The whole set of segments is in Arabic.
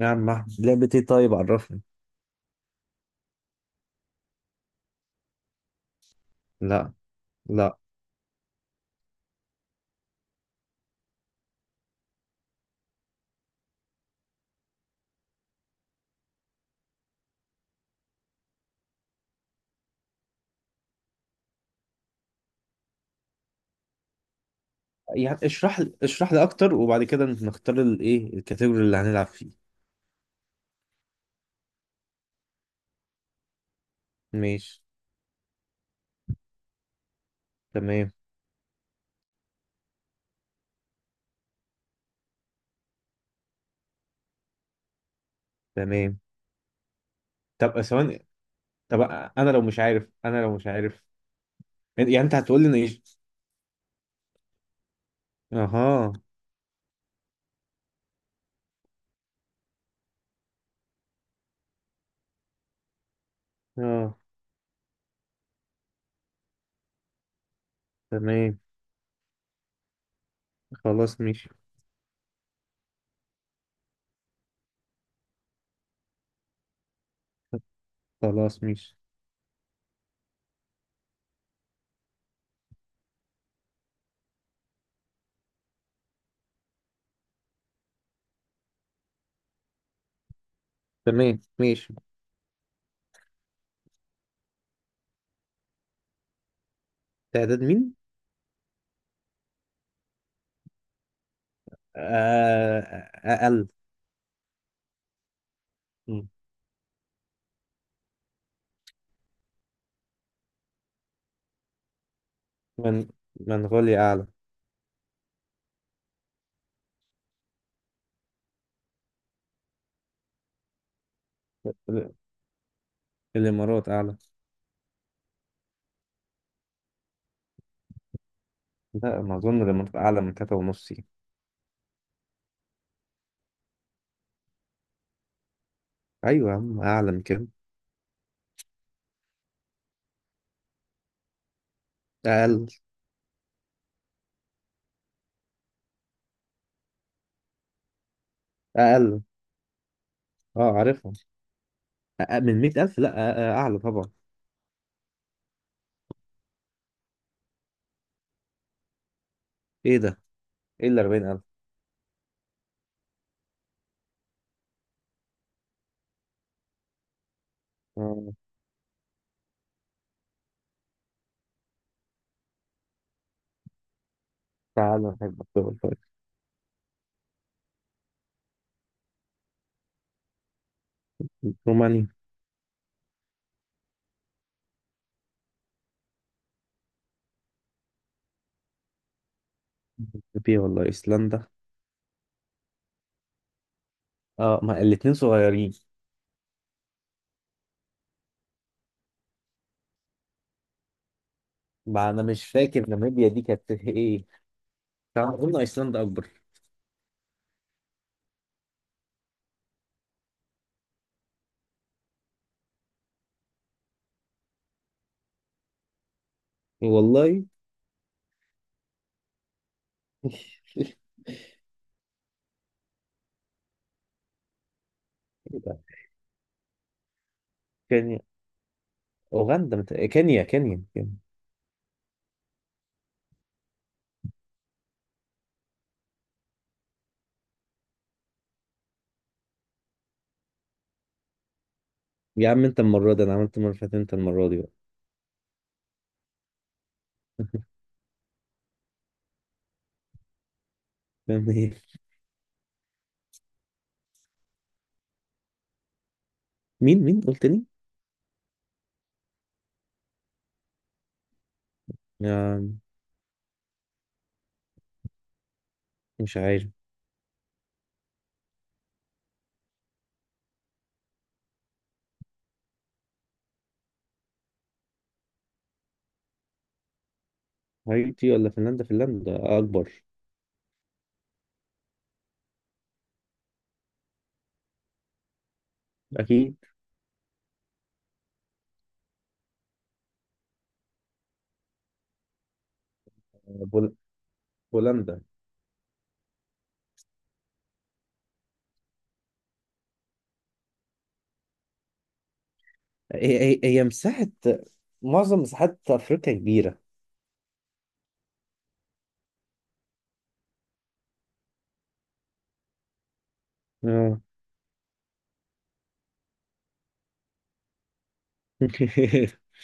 يا عم أحمد. لعبة ايه؟ طيب عرفني. لا. لا. يعني اشرح لي اكتر وبعد كده نختار الايه الكاتيجوري اللي هنلعب فيه. ماشي. تمام. تمام. طب ثواني. طب انا لو مش عارف. يعني انت هتقول لي إن ايش؟ اها. اه. تمام. خلاص ماشي. خلاص ماشي. تمام ماشي. تعداد مين؟ آه. اقل. م. من منغوليا اعلى. الامارات اعلى. لا ما اظن الامارات اعلى من تلاتة ونص يعني. ايوه يا عم، اعلى من كده. اقل. اقل. اه عارفها. أقل من 100,000؟ لا اعلى طبعا. ايه ده؟ ايه اللي 40,000؟ اه تعالى نحب الدول طيب. رومانيا. ناميبيا ولا ايسلندا؟ اه ما الاتنين صغيرين. ما انا مش فاكر ناميبيا دي كانت ايه. تعال قلنا ايسلندا اكبر. والله. ايه ده؟ كينيا. كينيا كينيا كينيا. يا عم انت المره دي، انا عملت المره اللي فاتت، انت المره دي بقى. مين قلت لي؟ آه، مش عارف. هايتي ولا فنلندا؟ فنلندا اكبر. اكيد. بول... بولندا. هي مساحة، معظم مساحات افريقيا كبيرة. اه.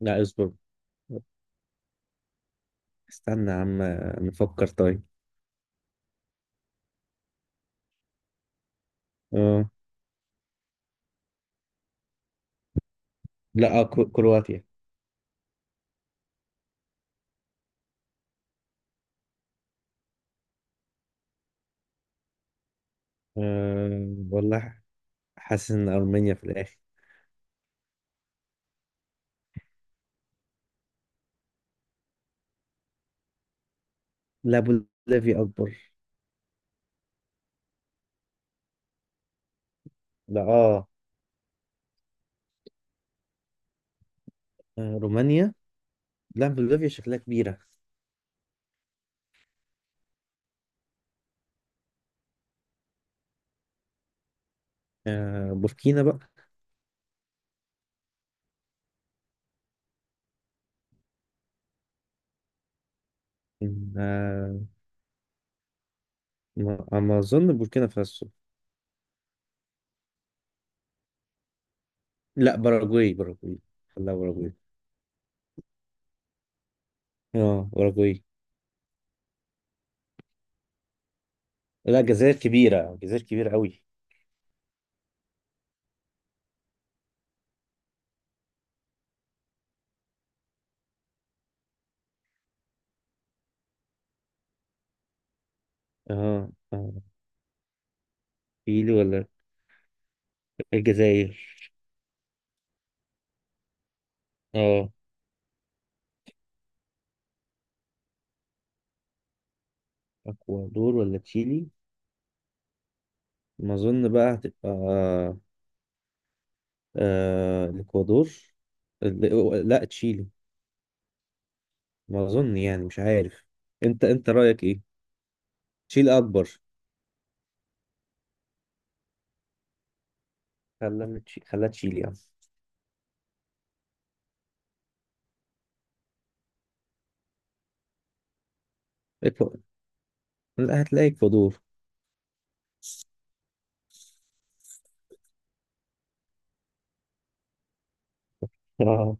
لا اصبر، استنى يا عم نفكر. طيب اه. لا آه، كرواتيا. أه والله، حاسس ان ارمينيا في الاخر. لا بوليفيا اكبر. لا اه آه، رومانيا. لا بوليفيا شكلها كبيرة. أه بوركينا بقى. أه ما اظن بوركينا فاسو. لا باراجواي باراجواي. لا باراجواي. اه باراجواي. لا جزائر كبيرة، جزائر كبيرة قوي. اه. اه. تشيلي ولا الجزائر؟ اه. اكوادور ولا تشيلي؟ ما اظن بقى هتبقى آه الاكوادور. لا تشيلي. ما اظن يعني، مش عارف. انت رايك ايه؟ تشيلي اكبر. خلنا خلها تشيلي يعني. إكوا- لا هتلاقي اكوادور. اه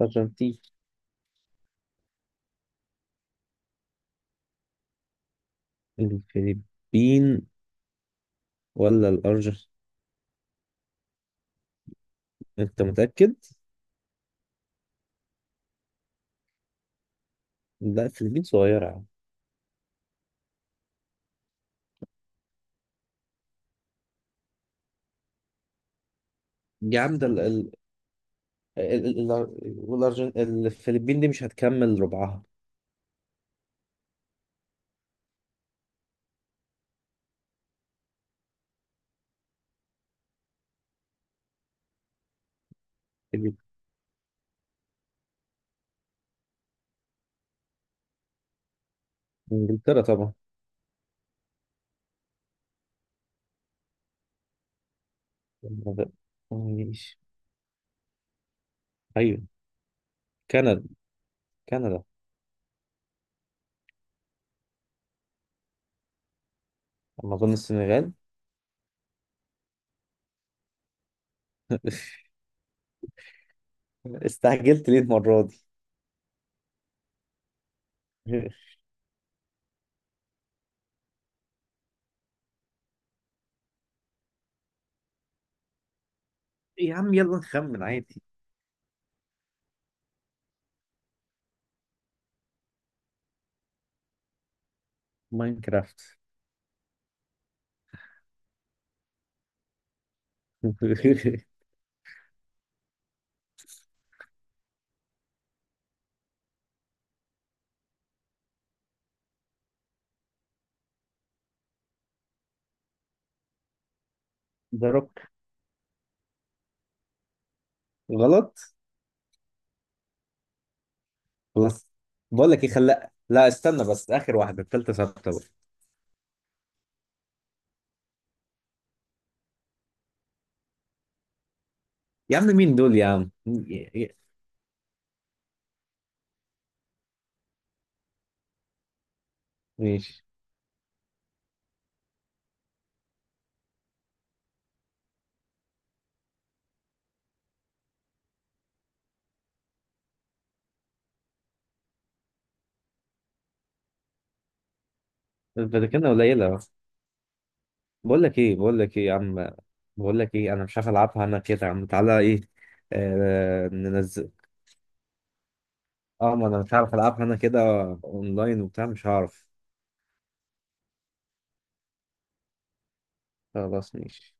الارجنتين. الفلبين ولا الارجنتين؟ انت متأكد؟ لا الفلبين صغيرة يا عم. يا عم ده الفلبين دي مش هتكمل ربعها. انجلترا طبعا. ماشي. ايوه كندا. كندا. اما اظن السنغال. استعجلت ليه المرة دي؟ يا عم يلا نخمن عادي. ماينكرافت. ذا روك. غلط. خلاص. بقول لك ايه خلاق، لا استنى بس اخر واحدة التالتة ثابتة بقى. يا عم مين دول يا عم ماشي. الفاتيكان قليلة. بقول لك ايه يا عم، بقول لك ايه، انا مش عارف العبها انا كده. يا عم تعالى ايه آه ننزل. اه ما انا مش عارف العبها انا كده اونلاين وبتاع، مش هعرف. خلاص ماشي.